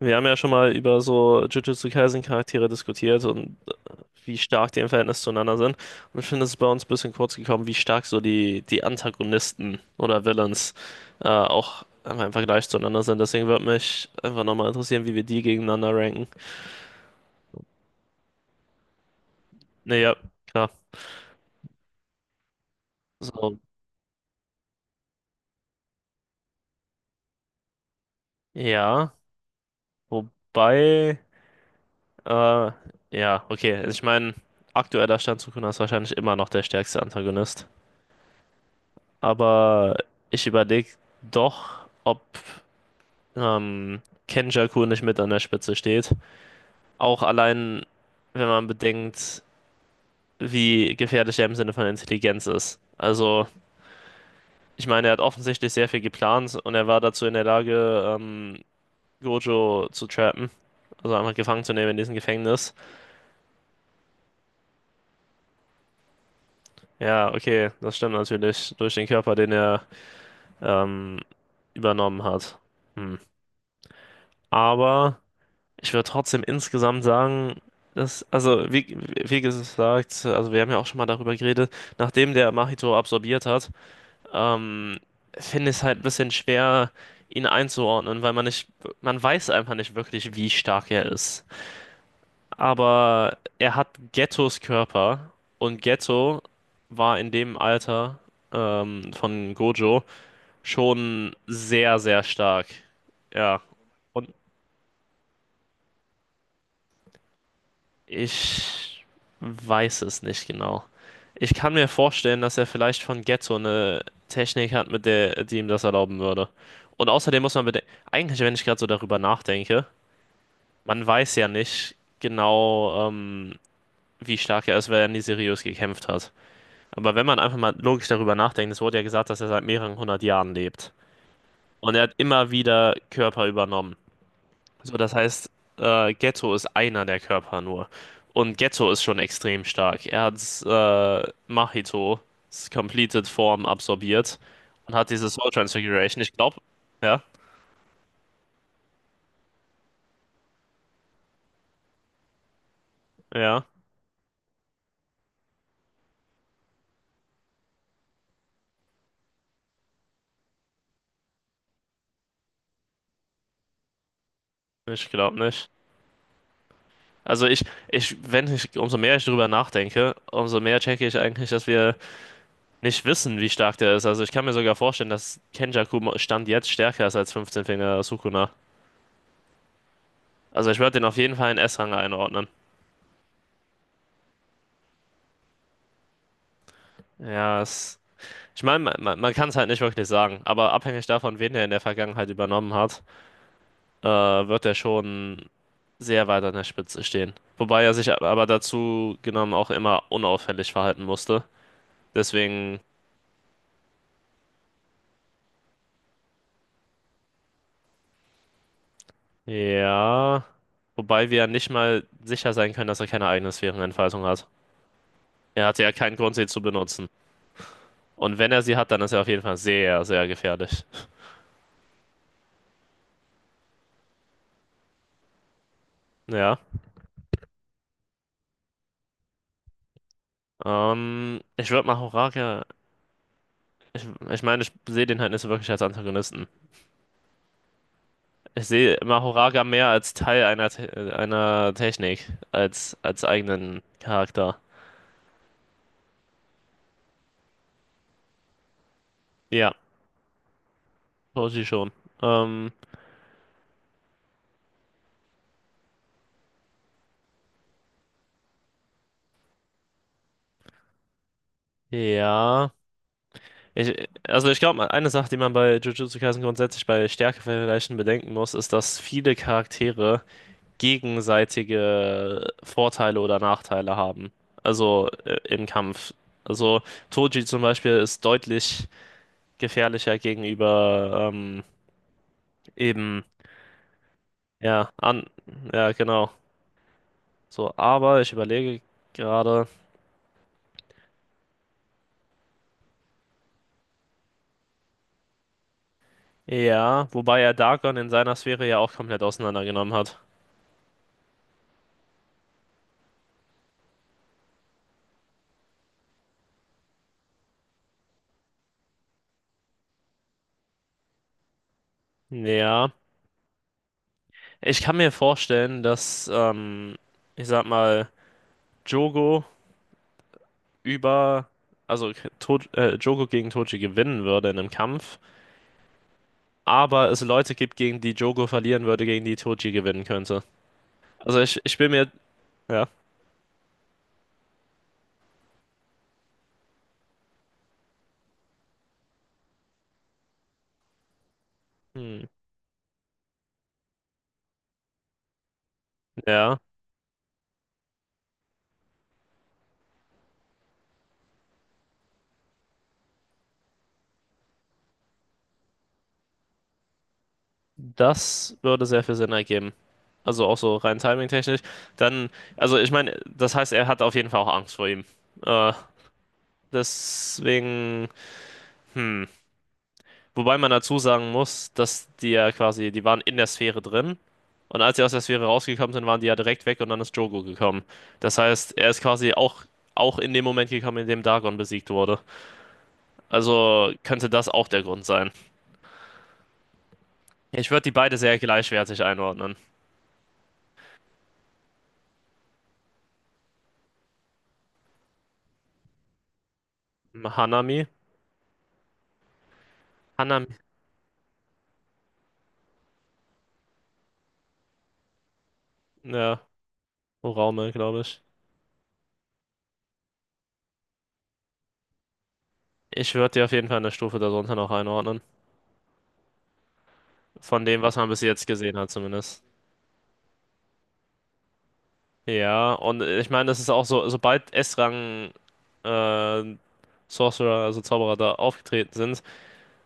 Wir haben ja schon mal über so Jujutsu Kaisen Charaktere diskutiert und wie stark die im Verhältnis zueinander sind. Und ich finde, es ist bei uns ein bisschen kurz gekommen, wie stark so die Antagonisten oder Villains auch einfach im Vergleich zueinander sind. Deswegen würde mich einfach nochmal interessieren, wie wir die gegeneinander ranken. Naja, klar. So, ja, wobei, äh, ja, okay. Also ich meine, aktueller Stand Sukuna ist wahrscheinlich immer noch der stärkste Antagonist. Aber ich überlege doch, ob ähm, Kenjaku nicht mit an der Spitze steht. Auch allein, wenn man bedenkt, wie gefährlich er im Sinne von Intelligenz ist. Also, ich meine, er hat offensichtlich sehr viel geplant und er war dazu in der Lage, Gojo zu trappen. Also einfach gefangen zu nehmen in diesem Gefängnis. Ja, okay, das stimmt natürlich. Durch den Körper, den er ähm, übernommen hat. Hm. Aber ich würde trotzdem insgesamt sagen, dass, also wie gesagt, also wir haben ja auch schon mal darüber geredet, nachdem der Mahito absorbiert hat, ähm, finde ich es halt ein bisschen schwer, ihn einzuordnen, weil man weiß einfach nicht wirklich, wie stark er ist. Aber er hat Gettos Körper und Getto war in dem Alter von Gojo schon sehr, sehr stark. Ja. Und ich weiß es nicht genau. Ich kann mir vorstellen, dass er vielleicht von Getzo eine Technik hat, die ihm das erlauben würde. Und außerdem muss man bedenken, eigentlich, wenn ich gerade so darüber nachdenke, man weiß ja nicht genau, wie stark er ist, weil er nie seriös gekämpft hat. Aber wenn man einfach mal logisch darüber nachdenkt, es wurde ja gesagt, dass er seit mehreren hundert Jahren lebt. Und er hat immer wieder Körper übernommen. So, das heißt, Ghetto ist einer der Körper nur. Und Ghetto ist schon extrem stark. Er hat Machitos Completed Form absorbiert und hat diese Soul Transfiguration. Ich glaube, ja, ja, ich glaube nicht. Also wenn ich, umso mehr ich drüber nachdenke, umso mehr checke ich eigentlich, dass wir nicht wissen, wie stark der ist. Also ich kann mir sogar vorstellen, dass Kenjaku Stand jetzt stärker ist als 15 Finger Sukuna. Also ich würde den auf jeden Fall in S-Rang einordnen. Ja, es. Ich meine, man kann es halt nicht wirklich sagen, aber abhängig davon, wen er in der Vergangenheit übernommen hat, wird er schon sehr weit an der Spitze stehen. Wobei er sich aber dazu genommen auch immer unauffällig verhalten musste. Deswegen, ja. Wobei wir ja nicht mal sicher sein können, dass er keine eigene Sphärenentfaltung hat. Er hatte ja keinen Grund, sie zu benutzen. Und wenn er sie hat, dann ist er auf jeden Fall sehr, sehr gefährlich. Ja. Ich würde mal Horaria. Ich meine, ich sehe den halt nicht so wirklich als Antagonisten. Ich sehe Mahoraga mehr als Teil einer Technik, als eigenen Charakter. Ja, Roshi schon. Ähm, ja. Ich, also ich glaube, eine Sache, die man bei Jujutsu Kaisen grundsätzlich bei Stärkevergleichen bedenken muss, ist, dass viele Charaktere gegenseitige Vorteile oder Nachteile haben. Also im Kampf. Also Toji zum Beispiel ist deutlich gefährlicher gegenüber eben, ja, an, ja, genau. So, aber ich überlege gerade. Ja, wobei er Darkon in seiner Sphäre ja auch komplett auseinandergenommen hat. Ja, ich kann mir vorstellen, dass, ich sag mal, Jogo über, also to Jogo gegen Toji gewinnen würde in einem Kampf, aber es Leute gibt, gegen die Jogo verlieren würde, gegen die Toji gewinnen könnte. Also ich bin mir, ja, hm, ja. Das würde sehr viel Sinn ergeben. Also auch so rein timingtechnisch. Dann, also ich meine, das heißt, er hat auf jeden Fall auch Angst vor ihm. Äh, deswegen, hm. Wobei man dazu sagen muss, dass die ja quasi, die waren in der Sphäre drin. Und als sie aus der Sphäre rausgekommen sind, waren die ja direkt weg und dann ist Drogo gekommen. Das heißt, er ist quasi auch in dem Moment gekommen, in dem Dagon besiegt wurde. Also könnte das auch der Grund sein. Ich würde die beide sehr gleichwertig einordnen. Hanami? Hanami, ja. Oraume, glaube ich. Ich würde die auf jeden Fall eine Stufe darunter noch einordnen. Von dem, was man bis jetzt gesehen hat, zumindest. Ja, und ich meine, das ist auch so, sobald S-Rang äh, Sorcerer, also Zauberer da aufgetreten sind,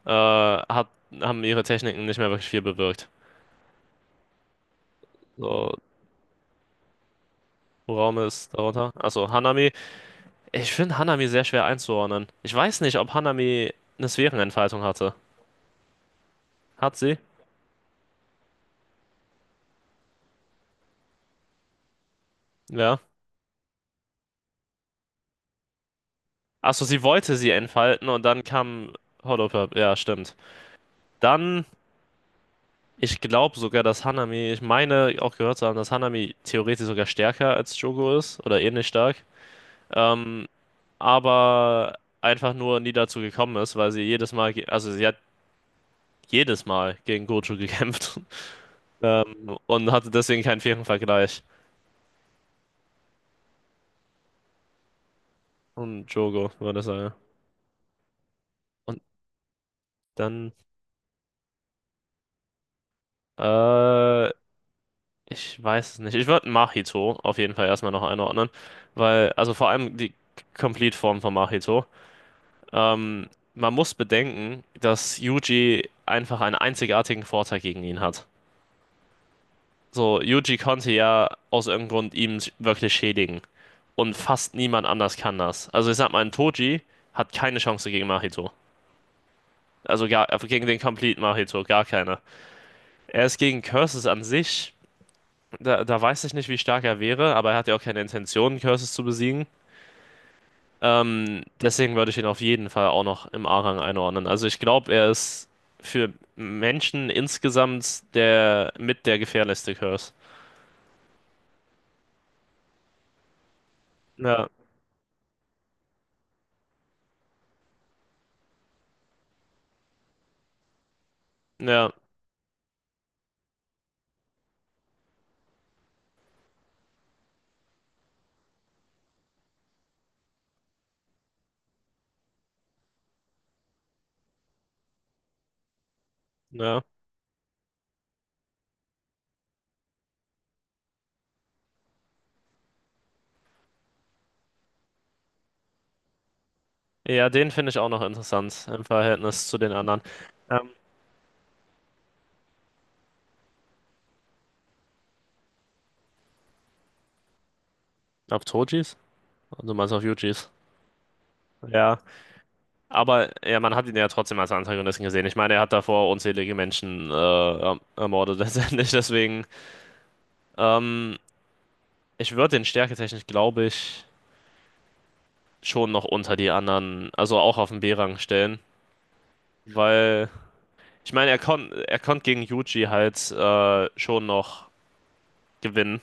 äh, hat, haben ihre Techniken nicht mehr wirklich viel bewirkt. So, Uraume ist darunter. Achso, Hanami. Ich finde Hanami sehr schwer einzuordnen. Ich weiß nicht, ob Hanami eine Sphärenentfaltung hatte. Hat sie? Ja. Achso, sie wollte sie entfalten und dann kam Hollow Purp. Ja, stimmt. Dann, ich glaube sogar, dass Hanami, ich meine auch gehört zu haben, dass Hanami theoretisch sogar stärker als Jogo ist oder ähnlich stark. Ähm, aber einfach nur nie dazu gekommen ist, weil sie jedes Mal, also sie hat jedes Mal gegen Gojo gekämpft und hatte deswegen keinen fairen Vergleich. Und Jogo, würde ich sagen. Und dann, äh, ich weiß es nicht. Ich würde Mahito auf jeden Fall erstmal noch einordnen, weil, also vor allem die Complete-Form von Mahito. Ähm, man muss bedenken, dass Yuji einfach einen einzigartigen Vorteil gegen ihn hat. So, Yuji konnte ja aus irgendeinem Grund ihm wirklich schädigen. Und fast niemand anders kann das. Also ich sag mal, ein Toji hat keine Chance gegen Mahito. Also gar, gegen den Complete Mahito, gar keine. Er ist gegen Curses an sich, da weiß ich nicht, wie stark er wäre, aber er hat ja auch keine Intention, Curses zu besiegen. Deswegen würde ich ihn auf jeden Fall auch noch im A-Rang einordnen. Also ich glaube, er ist für Menschen insgesamt der mit der gefährlichste Curse. Ja, ja, ja. Ja, den finde ich auch noch interessant im Verhältnis zu den anderen. Ähm, auf Tojis? Du meinst auf Yujis? Ja. Aber ja, man hat ihn ja trotzdem als Antagonisten gesehen. Ich meine, er hat davor unzählige Menschen ermordet letztendlich. Deswegen, hm, ich würde den stärketechnisch, glaube ich, schon noch unter die anderen, also auch auf den B-Rang stellen, weil ich meine, er konnt gegen Yuji halt schon noch gewinnen.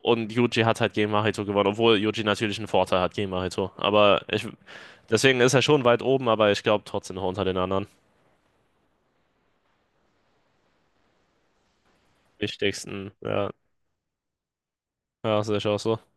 Und Yuji hat halt gegen Mahito gewonnen, obwohl Yuji natürlich einen Vorteil hat gegen Mahito. Aber ich, deswegen ist er schon weit oben, aber ich glaube trotzdem noch unter den anderen wichtigsten. Ja, ja sehe ich auch so.